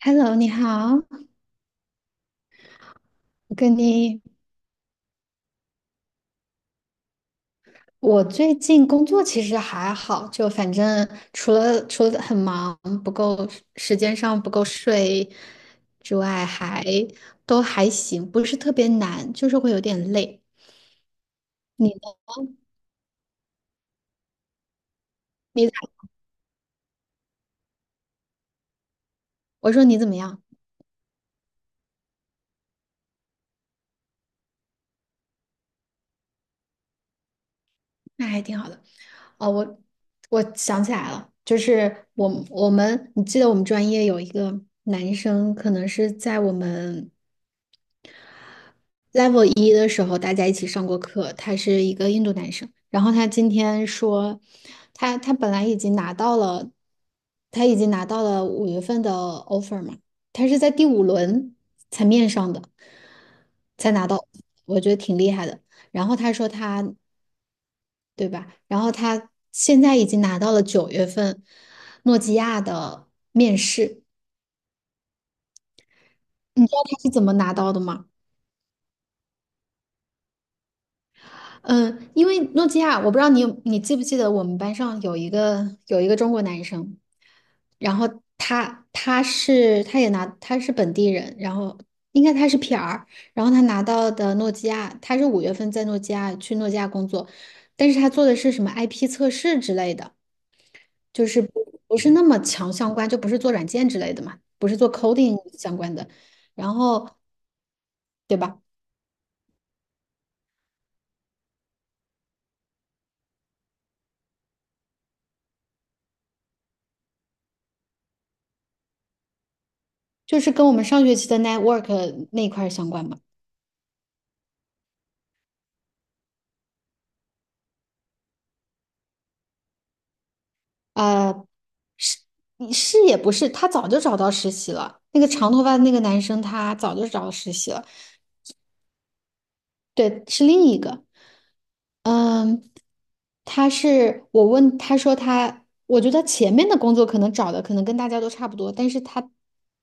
Hello，你好，我跟你，我最近工作其实还好，就反正除了很忙，不够时间上不够睡之外，还都还行，不是特别难，就是会有点累。你呢？你，我说你怎么样？那还挺好的。哦，我想起来了，就是我们，你记得我们专业有一个男生，可能是在我们level 一的时候，大家一起上过课，他是一个印度男生。然后他今天说，他本来已经拿到了，他已经拿到了五月份的 offer 嘛，他是在第五轮才面上的，才拿到，我觉得挺厉害的。然后他说他，对吧？然后他现在已经拿到了九月份诺基亚的面试。你知道他是怎么拿到的吗？嗯，因为诺基亚，我不知道你有你记不记得我们班上有一个中国男生，然后他他是他也拿他是本地人，然后应该他是 PR，然后他拿到的诺基亚，他是五月份在诺基亚去诺基亚工作，但是他做的是什么 IP 测试之类的，就是不是那么强相关，就不是做软件之类的嘛，不是做 coding 相关的，然后对吧？就是跟我们上学期的 network 那一块儿相关吧。呃，是是也不是，他早就找到实习了。那个长头发的那个男生，他早就找到实习了。对，是另一个。嗯，他是我问他说他，我觉得前面的工作可能找的可能跟大家都差不多，但是他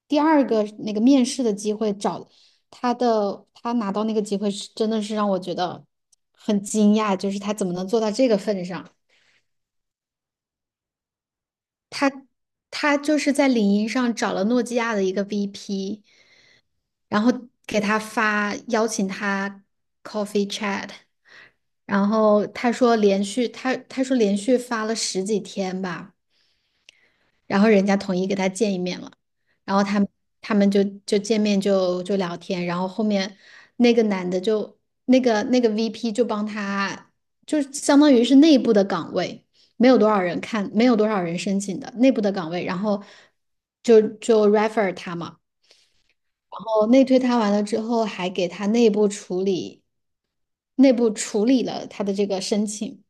第二个那个面试的机会找他的，他拿到那个机会是真的是让我觉得很惊讶，就是他怎么能做到这个份上？他。他就是在领英上找了诺基亚的一个 VP，然后给他发邀请他 coffee chat。然后他说连续他他说连续发了十几天吧，然后人家统一给他见一面了，然后他们，他们就见面就聊天，然后后面那个男的就那个 VP 就帮他，就相当于是内部的岗位，没有多少人看，没有多少人申请的内部的岗位，然后就 refer 他嘛，然后内推他完了之后，还给他内部处理，内部处理了他的这个申请，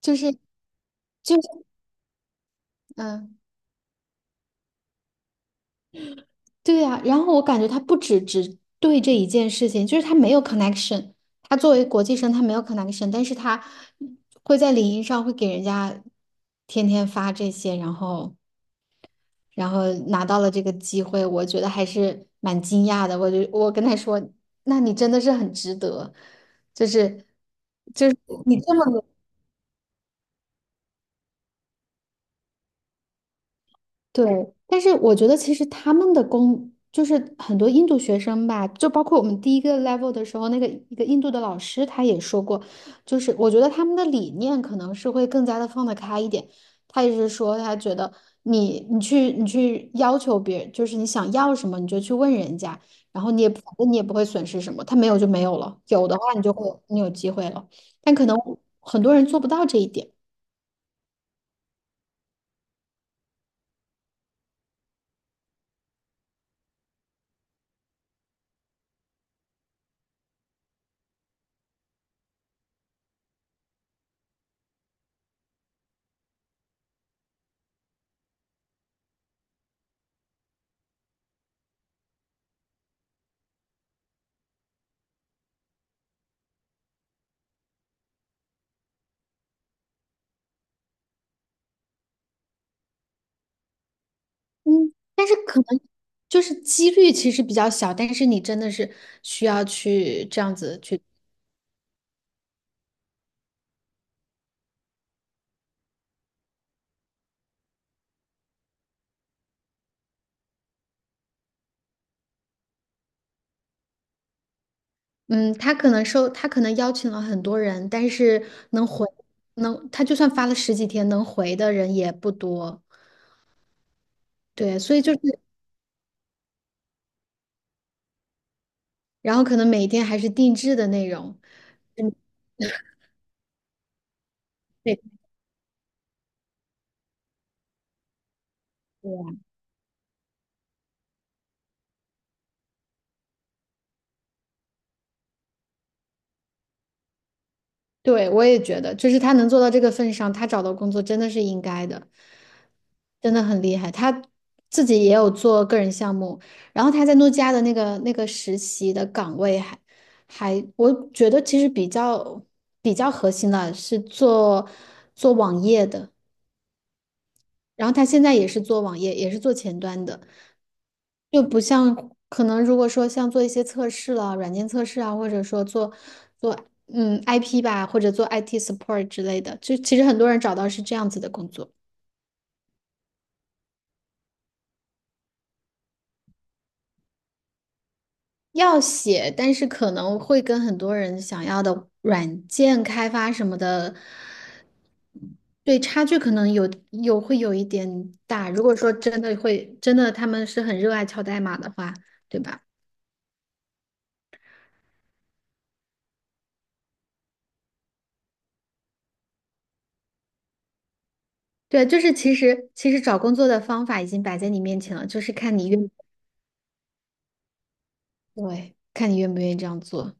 就是就是嗯。对呀，然后我感觉他不只对这一件事情，就是他没有 connection。他作为国际生，他没有 connection，但是他会在领英上会给人家天天发这些，然后然后拿到了这个机会，我觉得还是蛮惊讶的。我就我跟他说，那你真的是很值得，就是就是你这么，对，但是我觉得其实他们的工就是很多印度学生吧，就包括我们第一个 level 的时候，那个一个印度的老师他也说过，就是我觉得他们的理念可能是会更加的放得开一点。他也是说，他觉得你去要求别人，就是你想要什么你就去问人家，然后你也反正你也不会损失什么，他没有就没有了，有的话你就会你有机会了，但可能很多人做不到这一点。嗯，但是可能就是几率其实比较小，但是你真的是需要去这样子去。嗯，他可能收，他可能邀请了很多人，但是能回，能，他就算发了十几天，能回的人也不多，对，所以就是，然后可能每天还是定制的内容。嗯，对，对，我也觉得，就是他能做到这个份上，他找到工作真的是应该的，真的很厉害。他自己也有做个人项目，然后他在诺基亚的那个实习的岗位还还，我觉得其实比较核心的是做做网页的。然后他现在也是做网页，也是做前端的，就不像可能如果说像做一些测试了，软件测试啊，或者说做做嗯 IP 吧，或者做 IT support 之类的，就其实很多人找到是这样子的工作。要写，但是可能会跟很多人想要的软件开发什么的，对差距可能会有一点大。如果说真的会真的他们是很热爱敲代码的话，对吧？对，就是其实找工作的方法已经摆在你面前了，就是看你愿，对，看你愿不愿意这样做。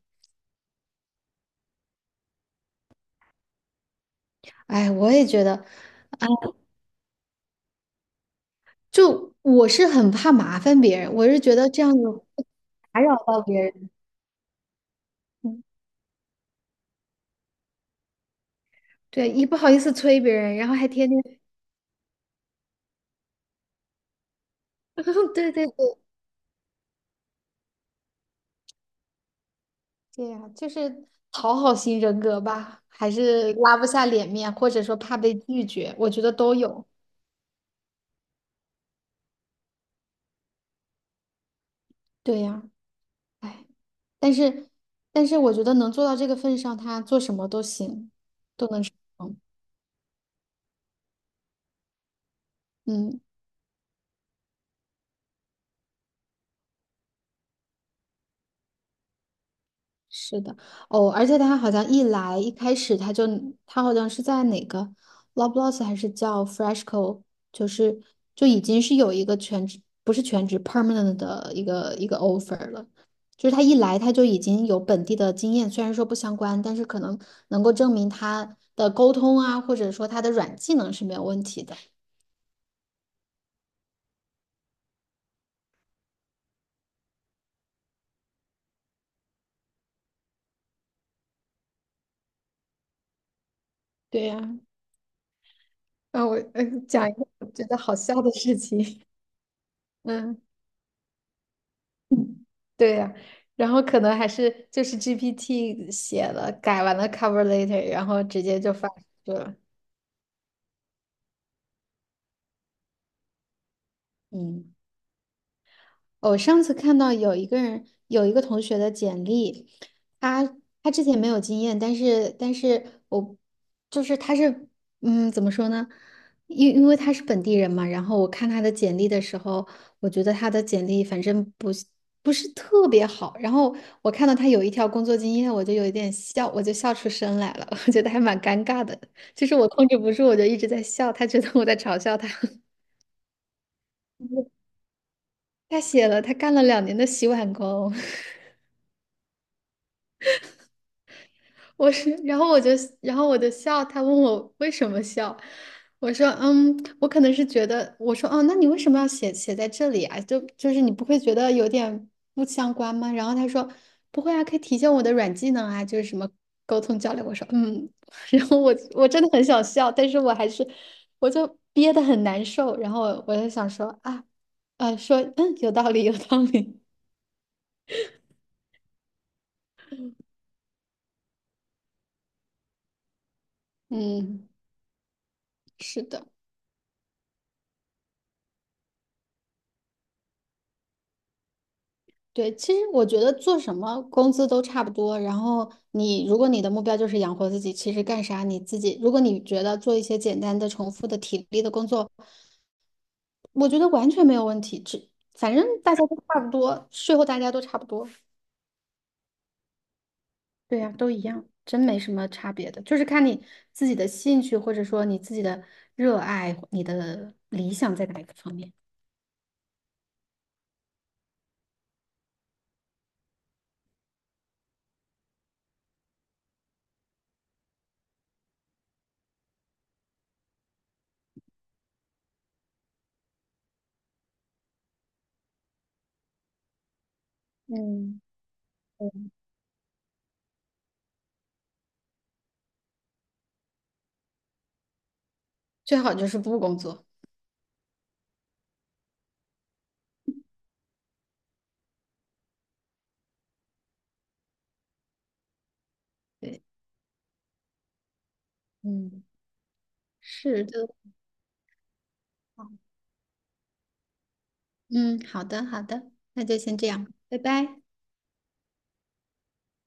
哎，我也觉得，啊，就我是很怕麻烦别人，我是觉得这样子打扰到别人。嗯，对，一不好意思催别人，然后还天天，对对对，对呀，就是讨好型人格吧，还是拉不下脸面，或者说怕被拒绝，我觉得都有。对呀。哎，但是但是我觉得能做到这个份上，他做什么都行，都能成功。嗯，是的。哦，而且他好像一开始他就他好像是在哪个 l o b l o s s 还是叫 Freshco，就是就已经是有一个不是全职 permanent 的一个 offer 了。就是他一来他就已经有本地的经验，虽然说不相关，但是可能能够证明他的沟通啊，或者说他的软技能是没有问题的。对呀。啊，我呃讲一个我觉得好笑的事情。嗯，嗯，对呀、然后可能还是就是 GPT 写了，改完了 cover letter，然后直接就发出去了。嗯。我上次看到有一个人，有一个同学的简历，他他之前没有经验，但是我就是他是嗯怎么说呢？因为他是本地人嘛，然后我看他的简历的时候，我觉得他的简历反正不是特别好，然后我看到他有一条工作经验，我就有一点笑，我就笑出声来了，我觉得还蛮尴尬的，就是我控制不住，我就一直在笑，他觉得我在嘲笑他。他写了，他干了2年的洗碗工。我是，然后我就，然后我就笑，他问我为什么笑，我说，嗯，我可能是觉得，我说，哦，那你为什么要写写在这里啊？就就是你不会觉得有点不相关吗？然后他说，不会啊，可以体现我的软技能啊，就是什么沟通交流。我说，嗯，然后我真的很想笑，但是我还是，我就憋得很难受，然后我就想说，啊，呃，说，嗯，有道理，有道理。嗯，是的。对，其实我觉得做什么工资都差不多。然后你，如果你的目标就是养活自己，其实干啥你自己，如果你觉得做一些简单的、重复的体力的工作，我觉得完全没有问题。只反正大家都差不多，税后大家都差不多。对呀，都一样，真没什么差别的，就是看你自己的兴趣，或者说你自己的热爱，你的理想在哪一个方面。嗯，最好就是不工作。对，嗯，是的。嗯，好的，好的，那就先这样，拜拜。